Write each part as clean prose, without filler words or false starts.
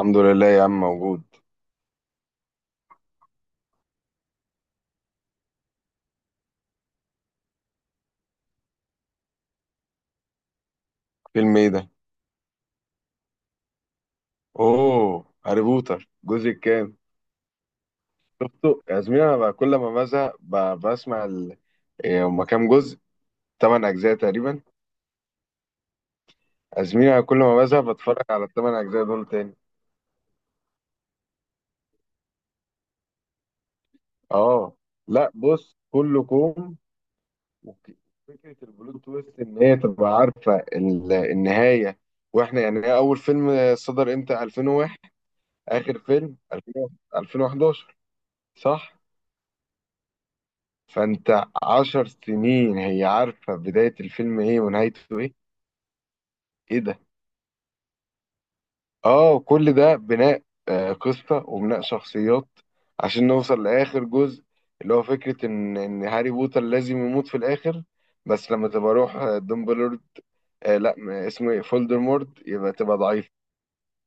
الحمد لله يا عم موجود. فيلم ايه ده؟ اوه، هاري بوتر الجزء الكام؟ شفته يا زميلي. انا بقى كل ما بزهق بسمع إيه هما كام جزء؟ تمن اجزاء تقريبا. يا زميلي انا كل ما بزهق بتفرج على التمن اجزاء دول تاني. اه لا بص، كله كوم. وك- فكره البلوت تويست ان هي تبقى عارفه النهايه، واحنا يعني. هي اول فيلم صدر امتى؟ 2001. اخر فيلم 2000، 2011. صح. فانت 10 سنين هي عارفة بداية الفيلم ايه ونهايته ايه. ايه ده؟ اه كل ده بناء، قصة وبناء شخصيات عشان نوصل لآخر جزء، اللي هو فكرة ان ان هاري بوتر لازم يموت في الآخر. بس لما تبقى روح دومبلورد، آه لا م- اسمه ايه، فولدمورت، يبقى تبقى ضعيفة.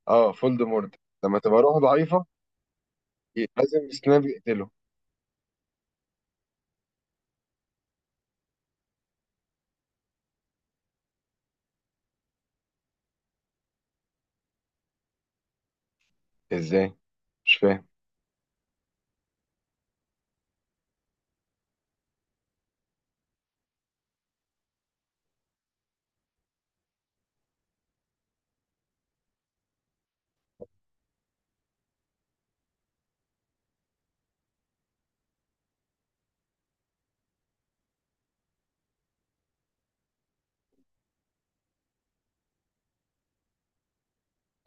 اه فولدمورت لما تبقى روح ضعيفة، لازم سناب يقتله. ازاي؟ مش فاهم.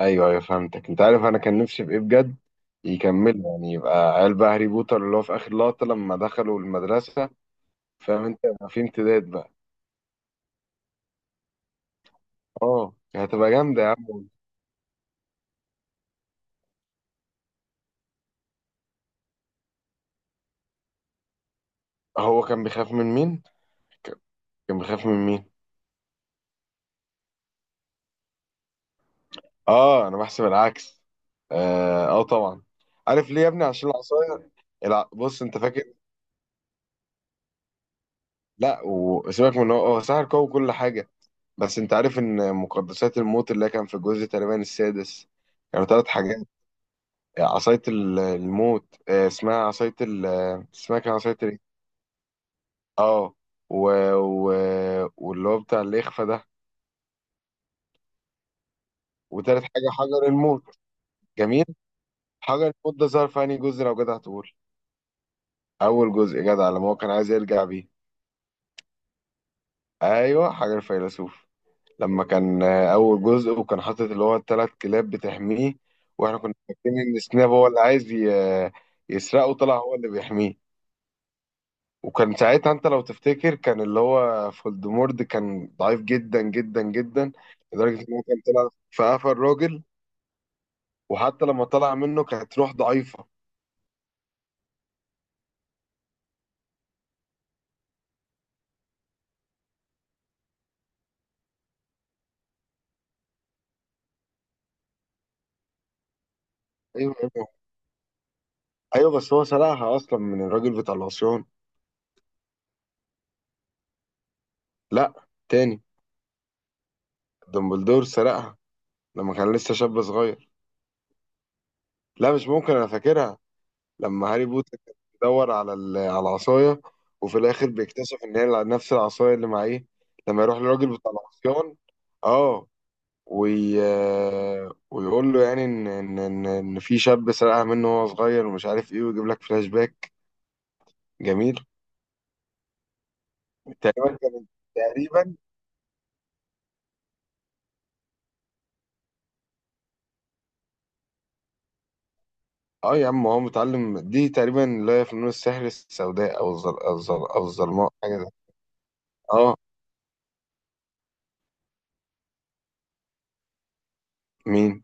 ايوه ايوه فهمتك. انت عارف انا كان نفسي في ايه بجد؟ يكملوا، يعني يبقى عيال بقى هاري بوتر اللي هو في اخر لقطه لما دخلوا المدرسه. فاهم انت، يبقى في امتداد بقى. اه هتبقى جامده يا عم. هو كان بيخاف من مين؟ ك- كان بيخاف من مين؟ اه انا بحسب العكس. اه، آه طبعا. عارف ليه يا ابني؟ عشان العصايه. بص انت فاكر؟ لا وسيبك من إن هو هو سحر قوي وكل حاجه. بس انت عارف ان مقدسات الموت اللي كان في الجزء تقريبا السادس كانوا ثلاث حاجات: عصاية الموت، اسمها عصاية ال آه، اسمها كان عصاية ايه؟ اه، و... و... واللي هو بتاع الإخفاء ده، وتالت حاجة حجر الموت. جميل. حجر الموت ده ظهر في أنهي جزء لو جدع تقول؟ أول جزء يا جدع، لما هو كان عايز يرجع بيه. أيوه حجر الفيلسوف. لما كان أول جزء وكان حاطط اللي هو التلات كلاب بتحميه، وإحنا كنا فاكرين إن سناب هو اللي عايز يسرقه، طلع هو اللي بيحميه. وكان ساعتها انت لو تفتكر كان اللي هو فولدمورد كان ضعيف جدا جدا جدا، لدرجة ان هو كان طلع في قفا الراجل، وحتى لما طلع منه كانت روح ضعيفة. ايوه ايوه ايوه. بس هو سرقها اصلا من الراجل بتاع العصيان. لا تاني، دمبلدور سرقها لما كان لسه شاب صغير. لا مش ممكن، انا فاكرها. لما هاري بوتر كان بيدور على على العصاية، وفي الاخر بيكتشف ان هي نفس العصاية اللي معاه لما يروح للراجل بتاع العصيان. اه، وي... ويقول له يعني ان في شاب سرقها منه وهو صغير ومش عارف ايه، ويجيب لك فلاش باك. جميل. تقريبا كانت تقريبا. اه يا عم هو متعلم دي تقريبا اللي هي فنون السحر السوداء، او او الظلماء، حاجه زي. اه. مين؟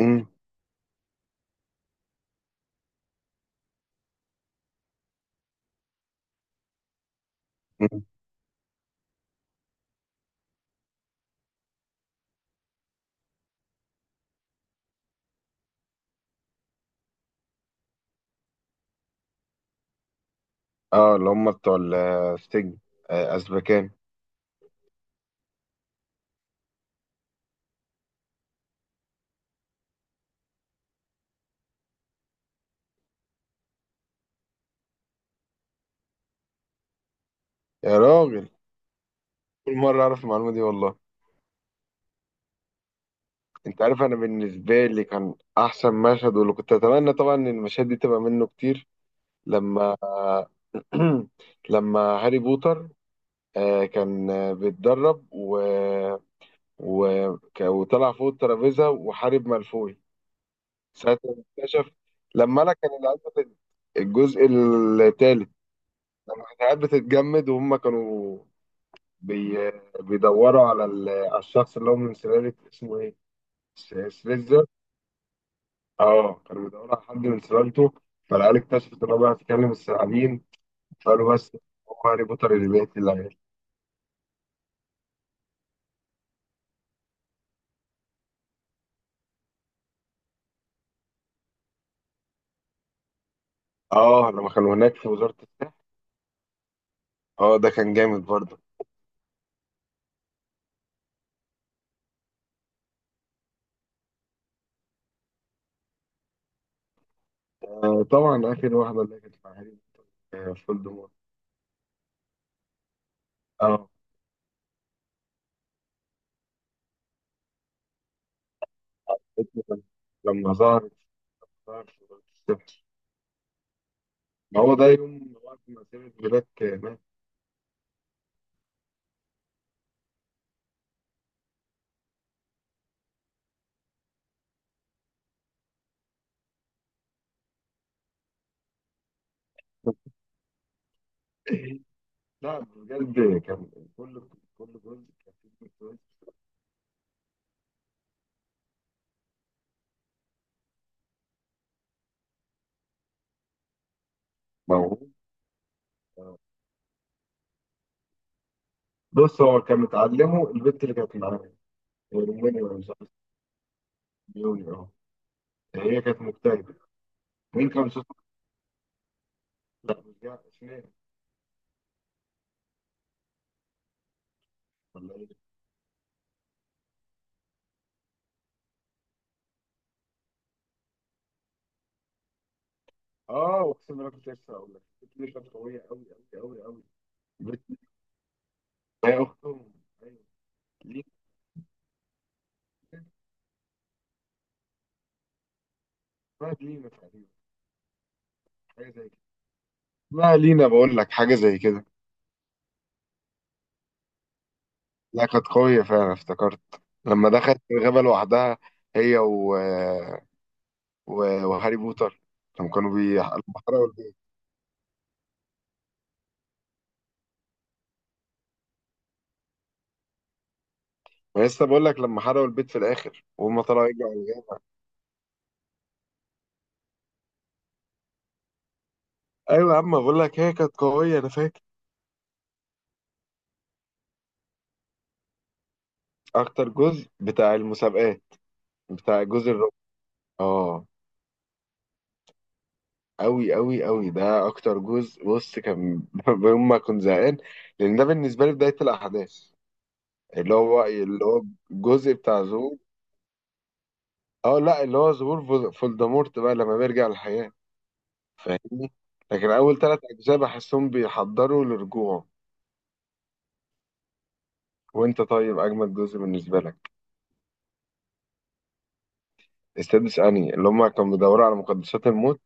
مم. مم. اه اللي هم بتوع السجن، ازبكان. يا راجل، كل مره اعرف المعلومه دي والله. انت عارف انا بالنسبه لي كان احسن مشهد، واللي كنت اتمنى طبعا ان المشاهد دي تبقى منه كتير، لما لما هاري بوتر كان بيتدرب و... وطلع فوق الترابيزة وحارب مالفوي. ساعة ما اكتشف، لما أنا كان الجزء التالت، لما كانت العيال بتتجمد، وهم كانوا بي... بيدوروا على على الشخص اللي هو من سلالة اسمه إيه؟ سليزر. اه كانوا بيدوروا على حد من سلالته، فالعيال اكتشفت إن هو بيعرف يتكلم الثعابين، فقالوا بس هو هاري بوتر اللي بيقتل العيال. اه لما كانوا هناك في وزارة الصحة. اه ده كان جامد برضه. آه طبعا، آخر واحدة، اللي كانت في عهد فولدمورت. اه. اسمه كان- لما ظهرت، ظهرت في وزارة الصحة. ما هو ده يوم وقت ما سيبت بلاك مات. لا بجد كان، كل كل جزء كان فيه جزء. موهوب؟ آه، بص هو كان متعلمه البنت اللي كانت معاه، رومانيا ولا مش عارف. بيوني، اه. هي كانت مجتهدة. مين كان صوتها؟ لا مش جاي اسمها، ولا ايه؟ اه اقسم بالله كنت لسه هقول لك، بتني كانت قويه قوي قوي قوي قوي. بتني هي اختهم. ايوه. لينا، اسمها لينا تقريبا، حاجه زي كده. اسمها لينا بقول لك، حاجه زي كده. لا كانت قويه فعلا، افتكرت لما دخلت الغابه لوحدها، هي و... وهاري بوتر، لما كانوا بي لما حرقوا البيت. ما لسه بقول لك، لما حرقوا البيت في الاخر وهم طلعوا يرجعوا الغابه. ايوه يا عم بقول لك هي كانت قويه انا فاكر. اكتر جزء بتاع المسابقات، بتاع جزء الرابع. اه أوي أوي أوي ده أكتر جزء. بص كان يوم ما كنت زهقان، لأن ده بالنسبة لي بداية الأحداث، اللي هو الجزء بتاع ظهور. أه لا، اللي هو ظهور فولدمورت بقى لما بيرجع الحياة. فاهمني؟ لكن أول تلات أجزاء بحسهم بيحضروا لرجوعه. وأنت طيب أجمد جزء بالنسبة لك؟ السادس أنهي، اللي هما كانوا بيدوروا على مقدسات الموت؟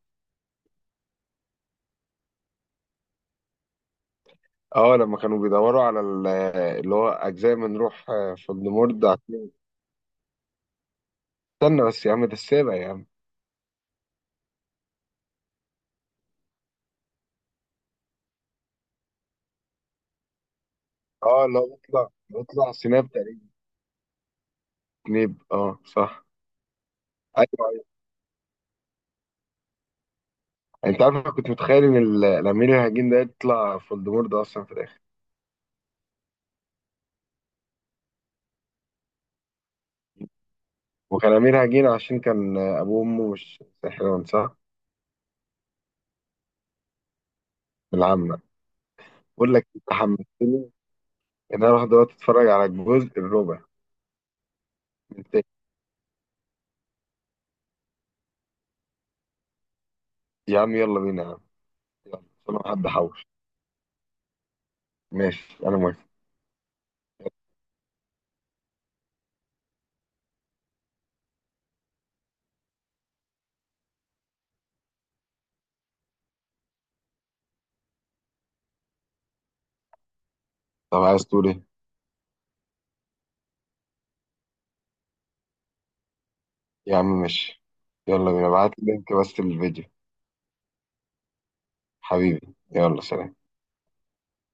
أه لما كانوا بيدوروا على اللي هو أجزاء من روح فولدمورت ده. استنى بس يا عم، ده السابع يا عم. اه اللي هو بيطلع، بيطلع سناب تقريبا. سنيب، اه صح. ايوه ايوه. انت عارف انا كنت متخيل ان الامير الهجين ده يطلع فولدمورت ده اصلا في الاخر. وكان امير هجين عشان كان ابوه وامه مش ساحران، صح؟ من العامه. بقول لك انت حمستني ان انا اروح دلوقتي اتفرج على الجزء الرابع من تاني. يا عم يلا بينا يا عم، يلا عشان أنا حد حوش. ماشي انا موافق. طب عايز تقول ايه؟ يا عم ماشي. يلا بينا، ابعت لي لينك بس للفيديو. حبيبي يلا، سلام.